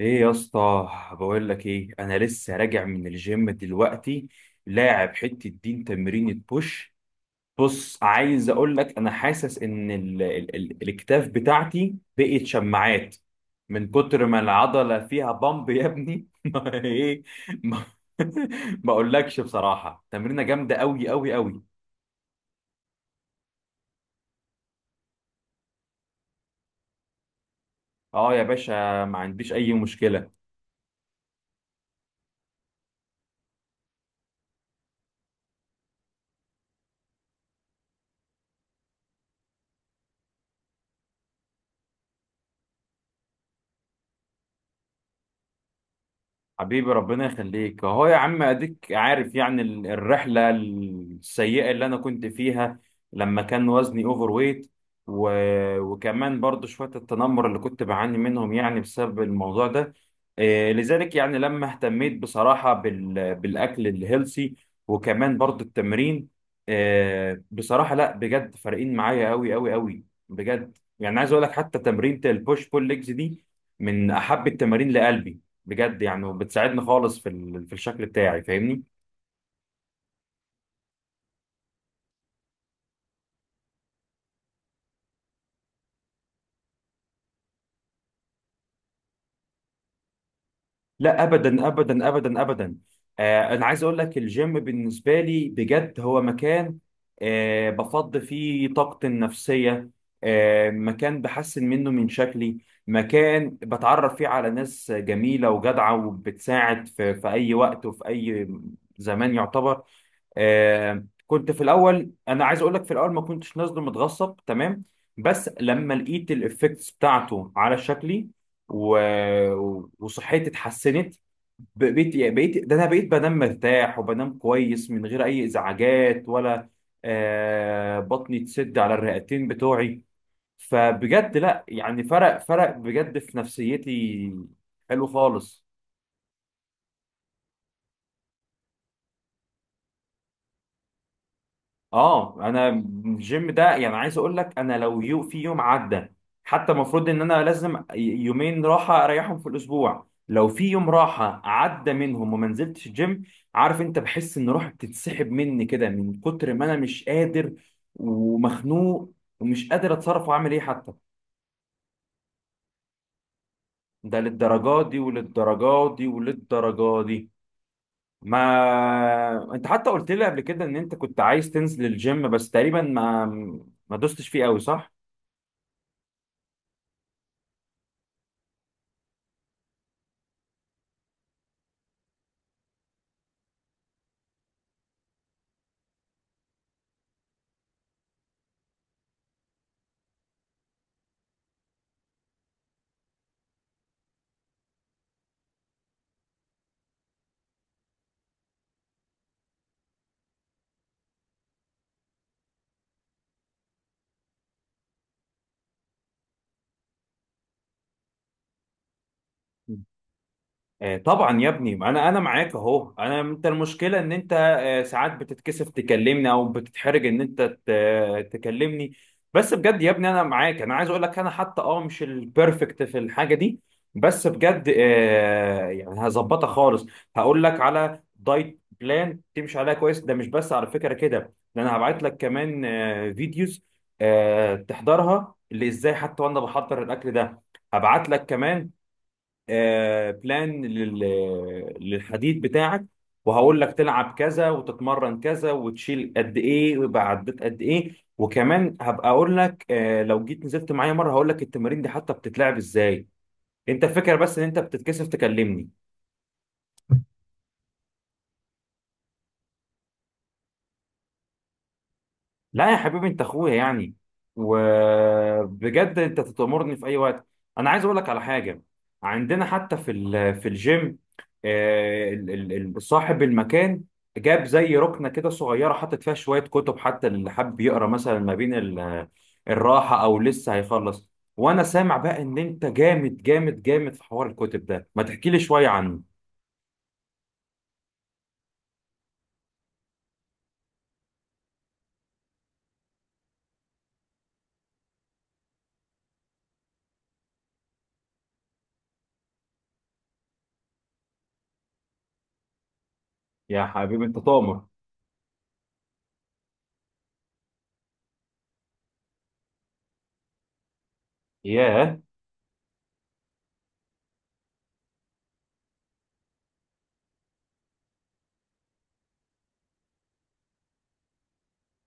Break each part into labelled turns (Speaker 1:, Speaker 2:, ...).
Speaker 1: ايه يا اسطى، بقول لك ايه، انا لسه راجع من الجيم دلوقتي. لاعب حته دين تمرين بوش. بص عايز اقول لك انا حاسس ان ال ال ال الاكتاف بتاعتي بقت شماعات من كتر ما العضله فيها بامب يا ابني. ما ايه. ما. ما اقولكش بصراحه تمرينه جامده قوي قوي قوي. اه يا باشا، ما عنديش اي مشكله. حبيبي ربنا يخليك اهو يا عم، اديك عارف يعني الرحله السيئه اللي انا كنت فيها لما كان وزني اوفر ويت و... وكمان برضو شويه التنمر اللي كنت بعاني منهم يعني بسبب الموضوع ده. إيه، لذلك يعني لما اهتميت بصراحه بالاكل الهيلسي وكمان برضو التمرين. إيه بصراحه، لا بجد فارقين معايا قوي قوي قوي بجد، يعني عايز اقول لك حتى تمرينة البوش بول ليجز دي من احب التمارين لقلبي. بجد يعني، وبتساعدني خالص في الشكل بتاعي، فاهمني. لا ابدا ابدا ابدا ابدا. آه، انا عايز اقول لك الجيم بالنسبه لي بجد هو مكان. آه، بفض فيه طاقتي النفسيه. آه، مكان بحسن منه من شكلي. مكان بتعرف فيه على ناس جميله وجدعه، وبتساعد في اي وقت وفي اي زمان يعتبر. آه، كنت في الاول، انا عايز اقول لك في الاول ما كنتش نازله متغصب، تمام. بس لما لقيت الافكتس بتاعته على شكلي و... وصحتي اتحسنت، بقيت ده انا بقيت بنام مرتاح وبنام كويس من غير اي ازعاجات ولا. آه، بطني تسد على الرئتين بتوعي. فبجد لا، يعني فرق فرق بجد في نفسيتي، حلو خالص. اه انا الجيم ده يعني عايز اقول لك انا لو في يوم عدى، حتى المفروض ان انا لازم يومين راحه اريحهم في الاسبوع، لو في يوم راحه عدى منهم وما نزلتش الجيم، عارف انت، بحس ان روحي بتتسحب مني كده من كتر ما انا مش قادر ومخنوق ومش قادر اتصرف واعمل ايه حتى. ده للدرجات دي وللدرجات دي وللدرجات دي. ما انت حتى قلت لي قبل كده ان انت كنت عايز تنزل الجيم بس تقريبا ما دوستش فيه قوي، صح؟ طبعا يا ابني، ما انا معاك اهو. انا انت المشكله ان انت ساعات بتتكسف تكلمني او بتتحرج ان انت تكلمني. بس بجد يا ابني انا معاك، انا عايز اقول لك انا حتى اه مش البرفكت في الحاجه دي، بس بجد يعني هظبطها خالص. هقول لك على دايت بلان تمشي عليها كويس. ده مش بس على فكره كده، ده انا هبعت لك كمان فيديوز تحضرها اللي ازاي حتى وانا بحضر الاكل ده. هبعت لك كمان بلان للحديد بتاعك، وهقول لك تلعب كذا وتتمرن كذا وتشيل قد ايه ويبقى عديت قد ايه. وكمان هبقى اقول لك لو جيت نزلت معايا مره هقول لك التمارين دي حتى بتتلعب ازاي. انت الفكره بس ان انت بتتكسف تكلمني. لا يا حبيبي، انت اخويا يعني، وبجد انت تأمرني في اي وقت. انا عايز اقول لك على حاجه. عندنا حتى في الجيم، صاحب المكان جاب زي ركنه كده صغيره، حاطط فيها شويه كتب حتى اللي حابب يقرا مثلا ما بين الراحه او لسه هيخلص. وانا سامع بقى ان انت جامد جامد جامد في حوار الكتب ده، ما تحكي لي شويه عنه. يا حبيبي انت تؤمر. ياه.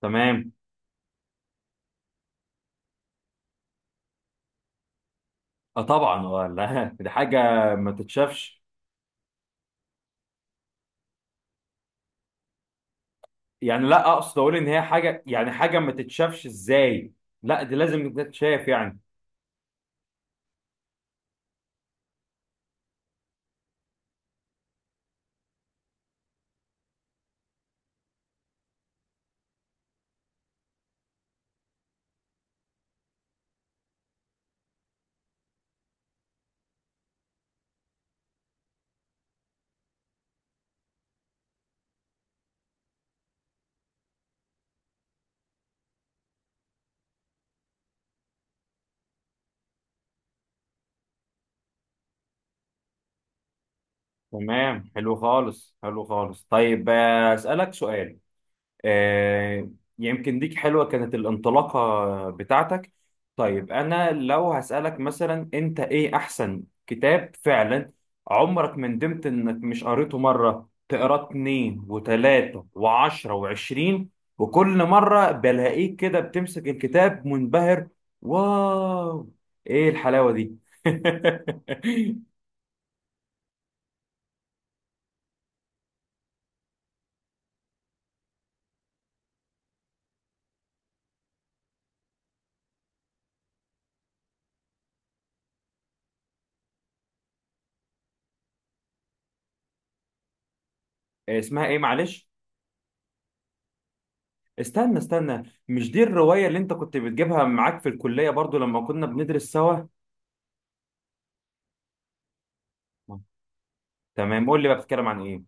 Speaker 1: تمام. اه طبعا، ولا دي حاجه ما تتشافش يعني. لا، اقصد اقول ان هي حاجه، يعني حاجه ما تتشافش ازاي؟ لا دي لازم تتشاف يعني. تمام حلو خالص، حلو خالص، طيب اسالك سؤال. آه، يمكن ديك حلوة كانت الانطلاقة بتاعتك. طيب أنا لو هسألك مثلا، أنت إيه أحسن كتاب فعلا عمرك ما ندمت إنك مش قريته، مرة تقراه 2 و3 و10 و20، وكل مرة بلاقيك كده بتمسك الكتاب منبهر، واو، إيه الحلاوة دي؟ اسمها إيه معلش؟ استنى استنى، مش دي الرواية اللي انت كنت بتجيبها معاك في الكلية برضو لما كنا بندرس سوا؟ تمام، قول لي بقى، بتتكلم عن ايه؟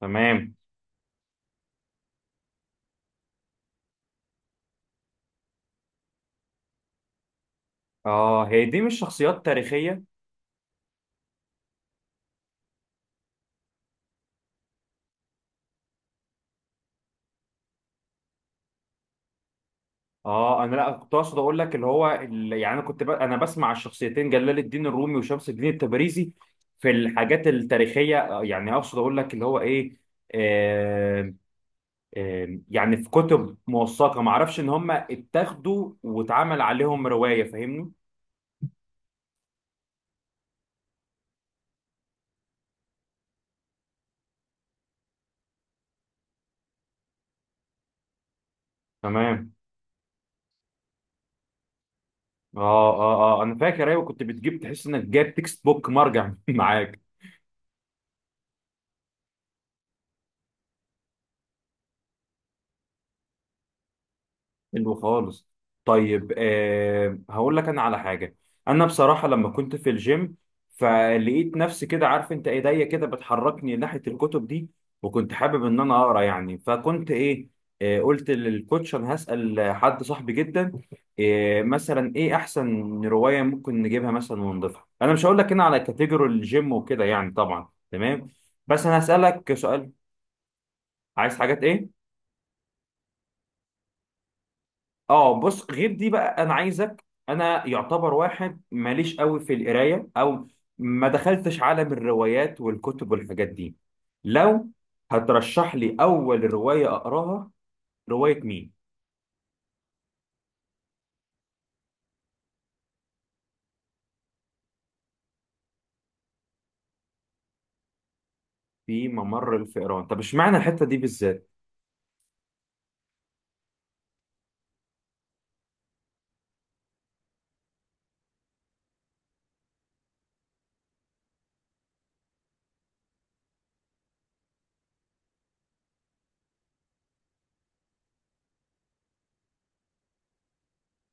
Speaker 1: تمام. اه هي دي مش شخصيات تاريخية؟ اه انا لا، كنت اقصد اقول لك اللي هو، اللي يعني انا كنت انا بسمع الشخصيتين جلال الدين الرومي وشمس الدين التبريزي في الحاجات التاريخية. يعني اقصد اقول لك اللي هو ايه، آه يعني في كتب موثقة معرفش ان هم اتاخدوا واتعمل عليهم رواية، فاهمني. تمام. اه اه انا فاكر، ايوه كنت بتجيب، تحس انك جايب تكست بوك مرجع معاك. حلو خالص. طيب آه، هقول لك انا على حاجه. انا بصراحه لما كنت في الجيم فلقيت نفسي كده، عارف انت، ايديا كده بتحركني ناحيه الكتب دي. وكنت حابب ان انا اقرا يعني، فكنت ايه، آه، قلت للكوتش انا هسال حد صاحبي جدا، آه، مثلا ايه احسن روايه ممكن نجيبها مثلا ونضيفها. انا مش هقول لك هنا على كاتيجوري الجيم وكده يعني، طبعا تمام، بس انا هسالك سؤال. عايز حاجات ايه؟ اه بص، غير دي بقى، انا عايزك انا يعتبر واحد ماليش قوي في القرايه او ما دخلتش عالم الروايات والكتب والحاجات دي، لو هترشح لي اول روايه اقراها، روايه مين؟ في ممر الفئران. طب اشمعنى الحته دي بالذات؟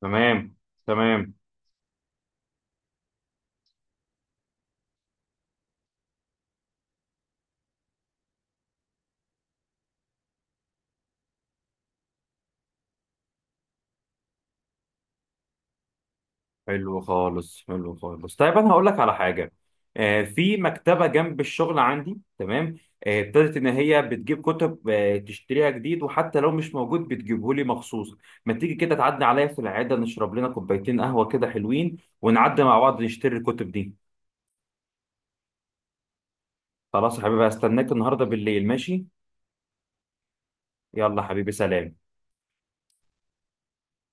Speaker 1: تمام تمام، حلو خالص، حلو خالص، طيب انا هقول لك على حاجه. آه، في مكتبه جنب الشغل عندي، تمام، آه، ابتدت ان هي بتجيب كتب، آه، تشتريها جديد، وحتى لو مش موجود بتجيبه لي مخصوص. ما تيجي كده تعدي عليا في العياده نشرب لنا كوبايتين قهوه كده حلوين، ونعدي مع بعض نشتري الكتب دي. خلاص يا حبيبي، هستناك النهارده بالليل، ماشي؟ يلا حبيبي، سلام.